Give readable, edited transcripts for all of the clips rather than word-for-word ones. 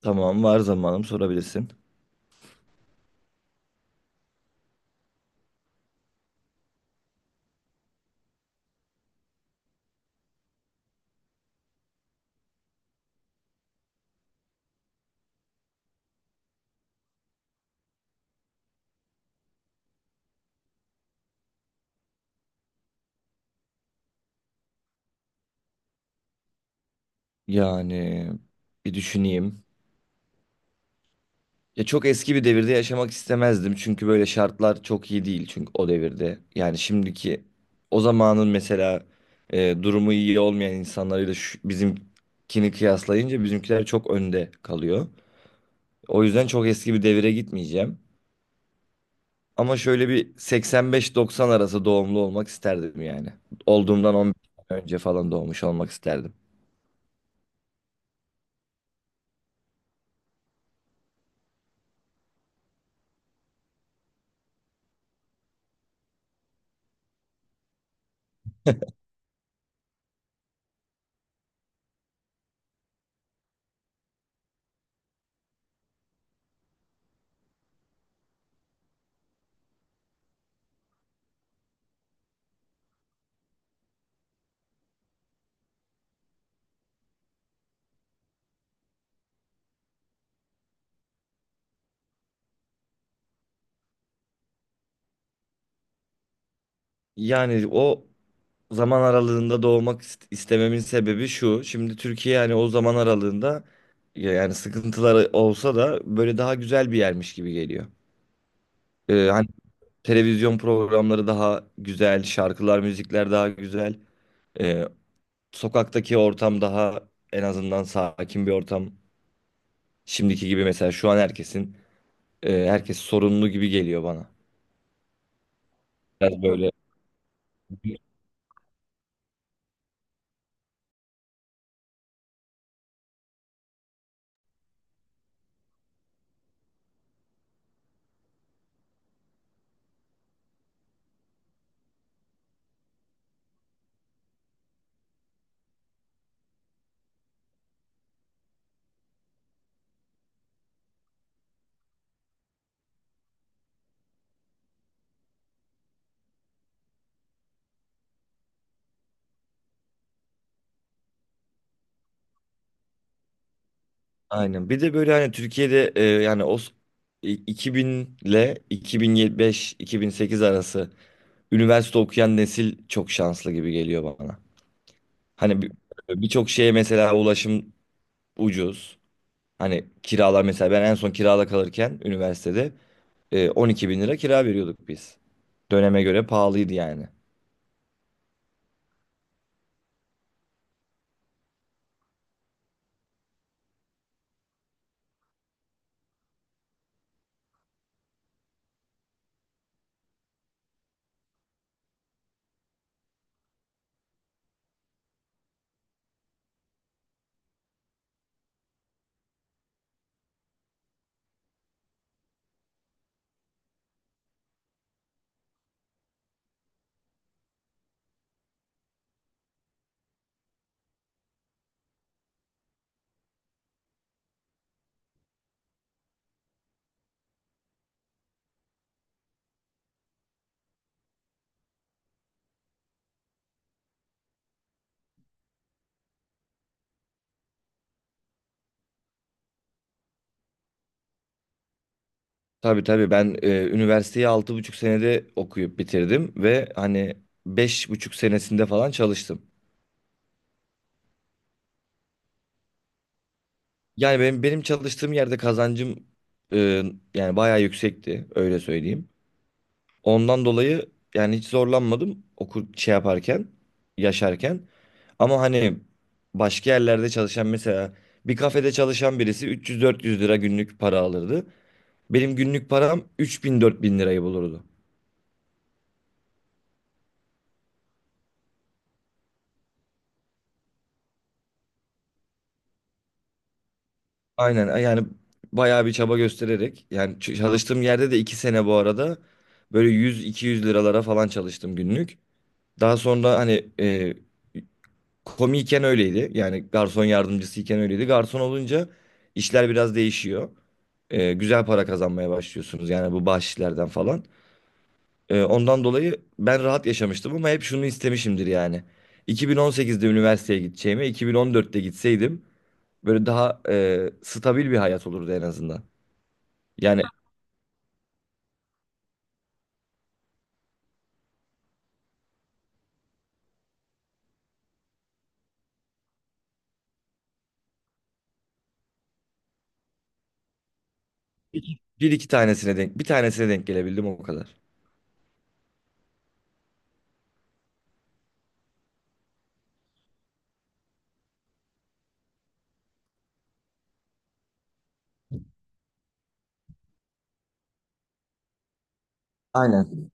Tamam, var zamanım, sorabilirsin. Yani Bir düşüneyim. Ya çok eski bir devirde yaşamak istemezdim. Çünkü böyle şartlar çok iyi değil çünkü o devirde. Yani şimdiki o zamanın mesela durumu iyi olmayan insanlarıyla bizimkini kıyaslayınca bizimkiler çok önde kalıyor. O yüzden çok eski bir devire gitmeyeceğim. Ama şöyle bir 85-90 arası doğumlu olmak isterdim yani. Olduğumdan 15 sene önce falan doğmuş olmak isterdim. Yani o zaman aralığında doğmak istememin sebebi şu. Şimdi Türkiye yani o zaman aralığında yani sıkıntıları olsa da böyle daha güzel bir yermiş gibi geliyor. Hani televizyon programları daha güzel, şarkılar, müzikler daha güzel. Ee, Sokaktaki ortam daha en azından sakin bir ortam. Şimdiki gibi mesela şu an herkes sorunlu gibi geliyor bana. Biraz böyle. Aynen. Bir de böyle hani Türkiye'de yani 2000 ile 2005-2008 arası üniversite okuyan nesil çok şanslı gibi geliyor bana. Hani bir- Birçok şeye mesela ulaşım ucuz. Hani kiralar, mesela ben en son kirada kalırken üniversitede 12 bin lira kira veriyorduk biz. Döneme göre pahalıydı yani. Tabii, tabii ben üniversiteyi altı buçuk senede okuyup bitirdim ve hani beş buçuk senesinde falan çalıştım. Yani benim çalıştığım yerde kazancım e, yani bayağı yüksekti, öyle söyleyeyim. Ondan dolayı yani hiç zorlanmadım okul şey yaparken, yaşarken. Ama hani başka yerlerde çalışan, mesela bir kafede çalışan birisi 300-400 lira günlük para alırdı. Benim günlük param 3000-4000 lirayı bulurdu. Aynen, yani bayağı bir çaba göstererek yani çalıştığım yerde de 2 sene bu arada böyle 100-200 liralara falan çalıştım günlük. Daha sonra komiyken öyleydi. Yani garson yardımcısıyken öyleydi. Garson olunca işler biraz değişiyor. Güzel para kazanmaya başlıyorsunuz. Yani bu bahşişlerden falan. Ondan dolayı ben rahat yaşamıştım ama hep şunu istemişimdir yani. 2018'de üniversiteye gideceğime 2014'te gitseydim böyle daha stabil bir hayat olurdu en azından. Yani bir tanesine denk gelebildim, o kadar. Aynen.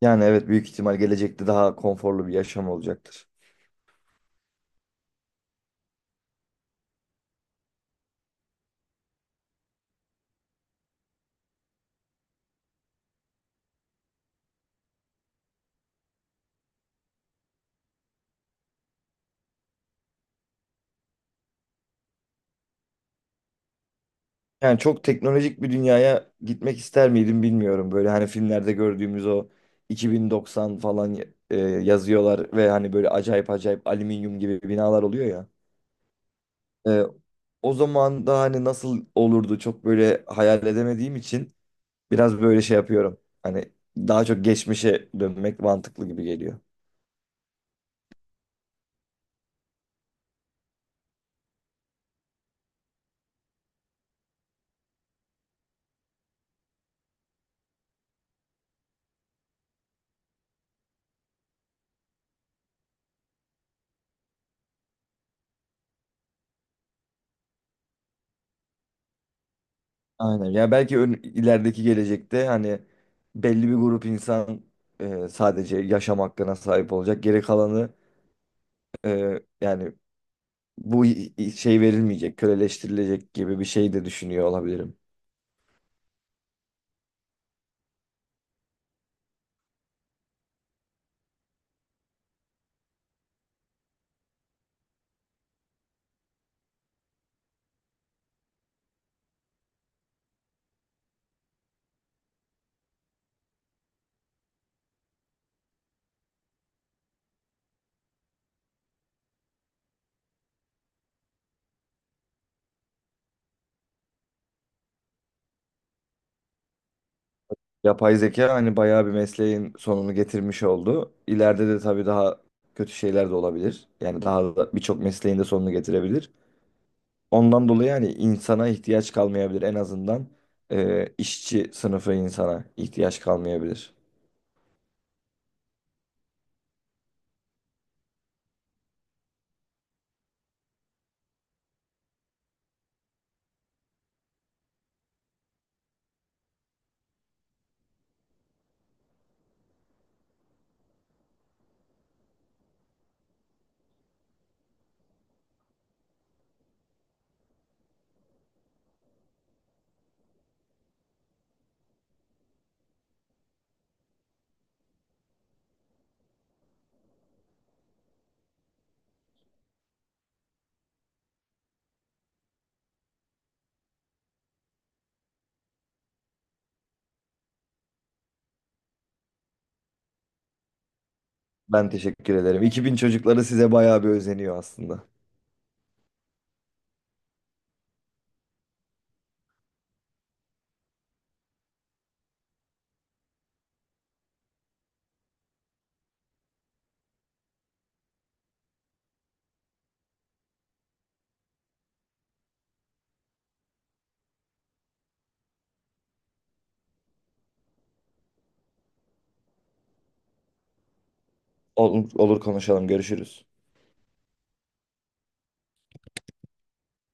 Yani evet, büyük ihtimal gelecekte daha konforlu bir yaşam olacaktır. Yani çok teknolojik bir dünyaya gitmek ister miydim bilmiyorum. Böyle hani filmlerde gördüğümüz o 2090 falan yazıyorlar ve hani böyle acayip acayip alüminyum gibi binalar oluyor ya. E, O zaman da hani nasıl olurdu, çok böyle hayal edemediğim için biraz böyle şey yapıyorum. Hani daha çok geçmişe dönmek mantıklı gibi geliyor. Aynen. Ya belki ön, ilerideki gelecekte hani belli bir grup insan sadece yaşam hakkına sahip olacak. Geri kalanı, yani bu şey verilmeyecek, köleleştirilecek gibi bir şey de düşünüyor olabilirim. Yapay zeka hani bayağı bir mesleğin sonunu getirmiş oldu. İleride de tabii daha kötü şeyler de olabilir. Yani daha da birçok mesleğin de sonunu getirebilir. Ondan dolayı yani insana ihtiyaç kalmayabilir, en azından işçi sınıfı insana ihtiyaç kalmayabilir. Ben teşekkür ederim. 2000 çocukları size bayağı bir özeniyor aslında. Olur, olur, konuşalım. Görüşürüz.